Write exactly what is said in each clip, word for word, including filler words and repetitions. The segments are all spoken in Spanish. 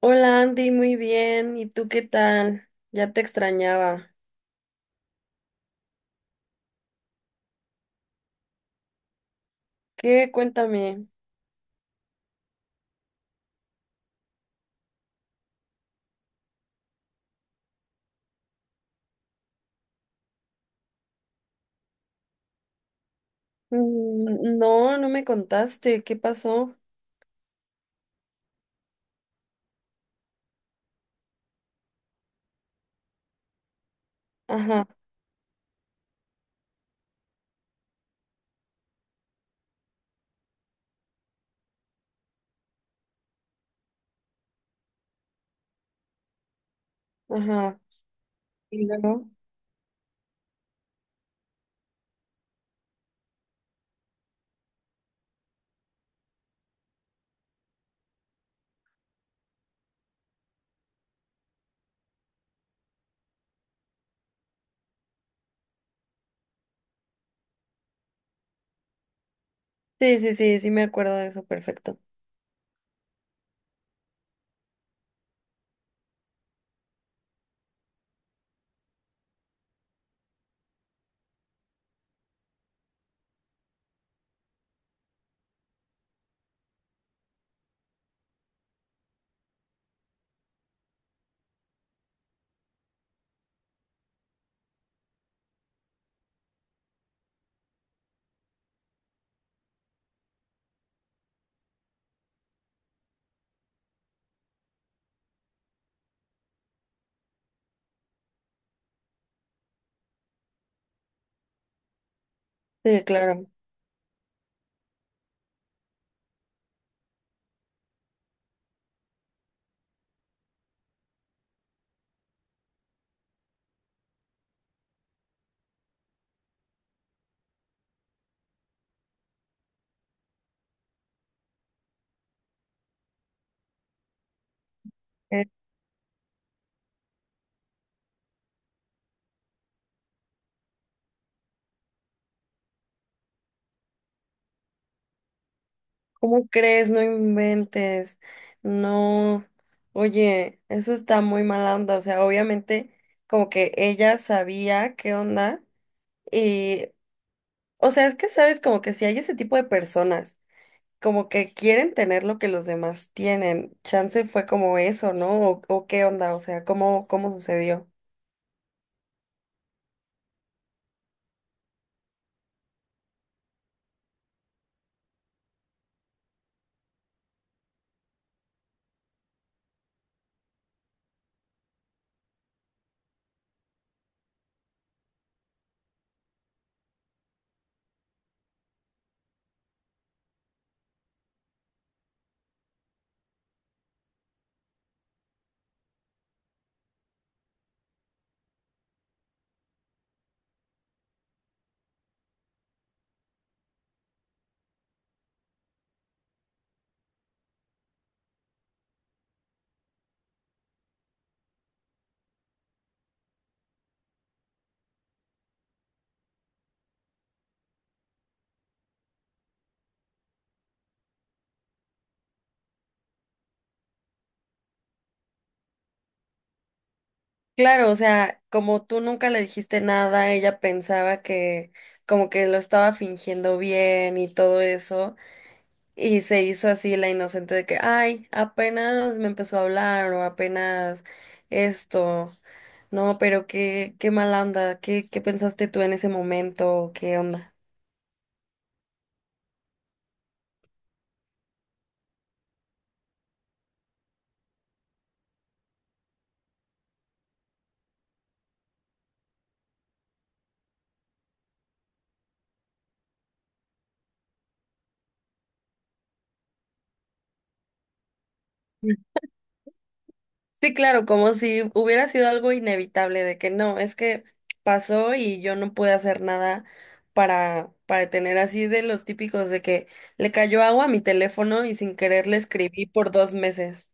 Hola Andy, muy bien. ¿Y tú qué tal? Ya te extrañaba. ¿Qué? Cuéntame. Mm, no, no me contaste. ¿Qué pasó? Ajá, ajá. ¿Y luego? Sí, sí, sí, sí me acuerdo de eso, perfecto. Sí, claro. Eh, ¿Cómo crees? No inventes. No. Oye, eso está muy mala onda. O sea, obviamente como que ella sabía qué onda y, o sea, es que sabes como que si hay ese tipo de personas como que quieren tener lo que los demás tienen. Chance fue como eso, ¿no? O, o qué onda, o sea, ¿cómo, cómo sucedió? Claro, o sea, como tú nunca le dijiste nada, ella pensaba que como que lo estaba fingiendo bien y todo eso, y se hizo así la inocente de que, ay, apenas me empezó a hablar o apenas esto. No, pero qué, qué mala onda, ¿qué, qué pensaste tú en ese momento? ¿Qué onda? Sí, claro, como si hubiera sido algo inevitable de que no, es que pasó y yo no pude hacer nada para para detener así de los típicos de que le cayó agua a mi teléfono y sin querer le escribí por dos meses.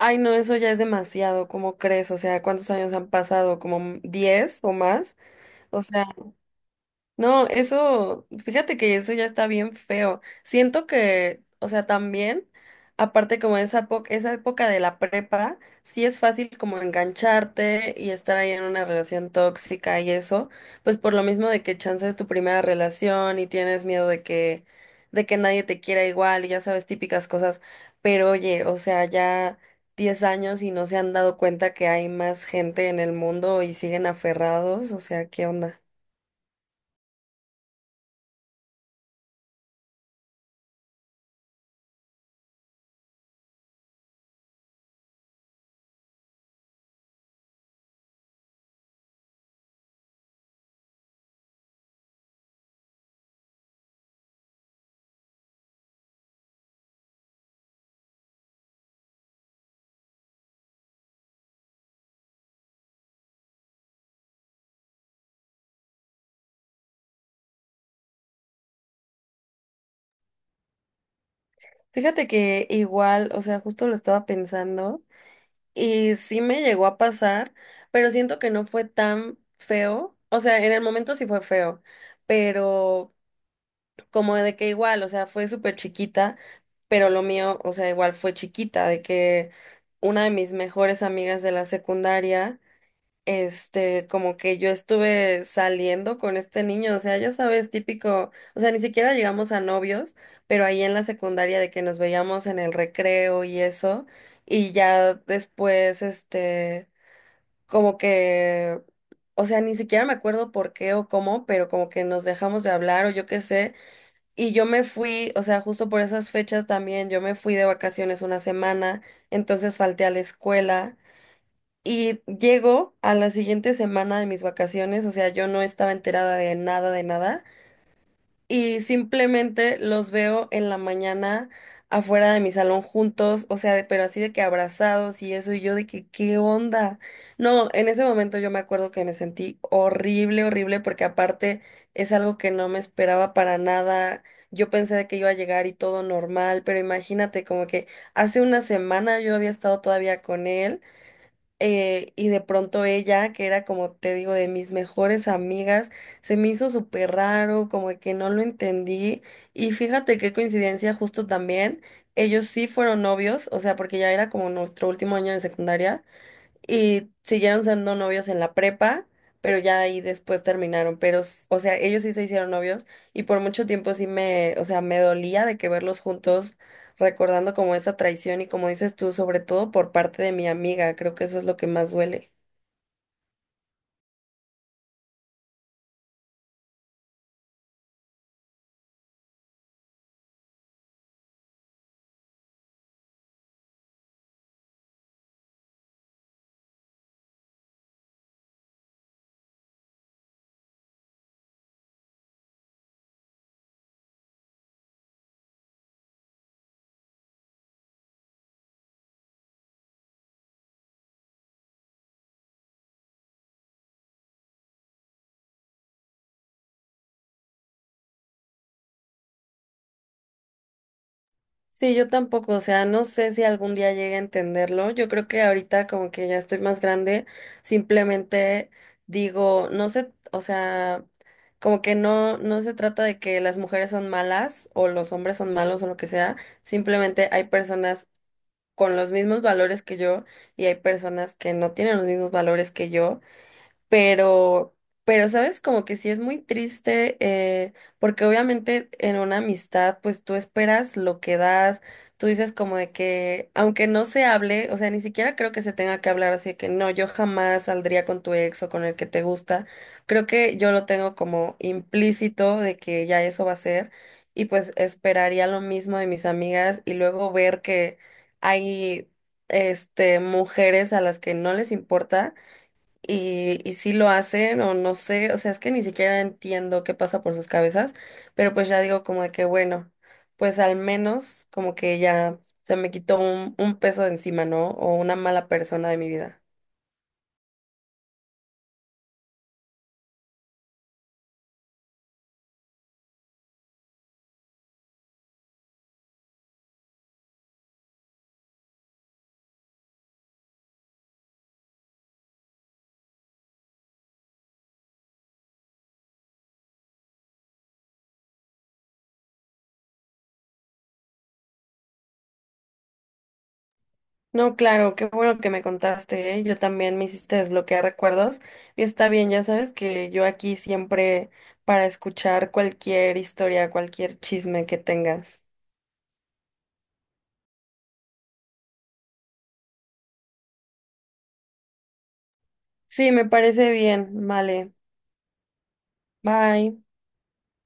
Ay, no, eso ya es demasiado, ¿cómo crees? O sea, ¿cuántos años han pasado? ¿Como diez o más? O sea, no, eso, fíjate que eso ya está bien feo. Siento que, o sea, también, aparte como esa, po- esa época de la prepa, sí es fácil como engancharte y estar ahí en una relación tóxica y eso, pues por lo mismo de que chance es tu primera relación y tienes miedo de que, de que nadie te quiera igual y ya sabes, típicas cosas. Pero oye, o sea, ya diez años y no se han dado cuenta que hay más gente en el mundo y siguen aferrados, o sea, ¿qué onda? Fíjate que igual, o sea, justo lo estaba pensando y sí me llegó a pasar, pero siento que no fue tan feo. O sea, en el momento sí fue feo, pero como de que igual, o sea, fue súper chiquita, pero lo mío, o sea, igual fue chiquita, de que una de mis mejores amigas de la secundaria este, como que yo estuve saliendo con este niño, o sea, ya sabes, típico, o sea, ni siquiera llegamos a novios, pero ahí en la secundaria de que nos veíamos en el recreo y eso, y ya después, este, como que, o sea, ni siquiera me acuerdo por qué o cómo, pero como que nos dejamos de hablar o yo qué sé, y yo me fui, o sea, justo por esas fechas también, yo me fui de vacaciones una semana, entonces falté a la escuela. Y llego a la siguiente semana de mis vacaciones, o sea, yo no estaba enterada de nada, de nada, y simplemente los veo en la mañana afuera de mi salón juntos, o sea, de- pero así de que abrazados y eso, y yo de que, ¿qué onda? No, en ese momento yo me acuerdo que me sentí horrible, horrible, porque aparte es algo que no me esperaba para nada. Yo pensé de que iba a llegar y todo normal, pero imagínate como que hace una semana yo había estado todavía con él eh, y de pronto ella, que era como te digo, de mis mejores amigas, se me hizo súper raro, como que no lo entendí. Y fíjate qué coincidencia, justo también, ellos sí fueron novios, o sea, porque ya era como nuestro último año de secundaria. Y siguieron siendo novios en la prepa, pero ya ahí después terminaron. Pero, s- o sea, ellos sí se hicieron novios y por mucho tiempo sí me, o sea, me dolía de que verlos juntos, recordando como esa traición y como dices tú, sobre todo por parte de mi amiga, creo que eso es lo que más duele. Sí, yo tampoco, o sea, no sé si algún día llegue a entenderlo. Yo creo que ahorita como que ya estoy más grande, simplemente digo, no sé, o sea, como que no, no se trata de que las mujeres son malas o los hombres son malos o lo que sea, simplemente hay personas con los mismos valores que yo y hay personas que no tienen los mismos valores que yo pero, pero, sabes, como que sí es muy triste, eh, porque obviamente en una amistad, pues tú esperas lo que das, tú dices como de que, aunque no se hable, o sea, ni siquiera creo que se tenga que hablar así de que no, yo jamás saldría con tu ex o con el que te gusta, creo que yo lo tengo como implícito de que ya eso va a ser, y pues esperaría lo mismo de mis amigas y luego ver que hay, este, mujeres a las que no les importa y, y sí lo hacen o no sé, o sea, es que ni siquiera entiendo qué pasa por sus cabezas, pero pues ya digo como de que bueno, pues al menos como que ya se me quitó un, un peso de encima, ¿no? O una mala persona de mi vida. No, claro, qué bueno que me contaste, ¿eh? Yo también me hiciste desbloquear recuerdos y está bien, ya sabes que yo aquí siempre para escuchar cualquier historia, cualquier chisme que tengas. Sí, me parece bien, vale, bye.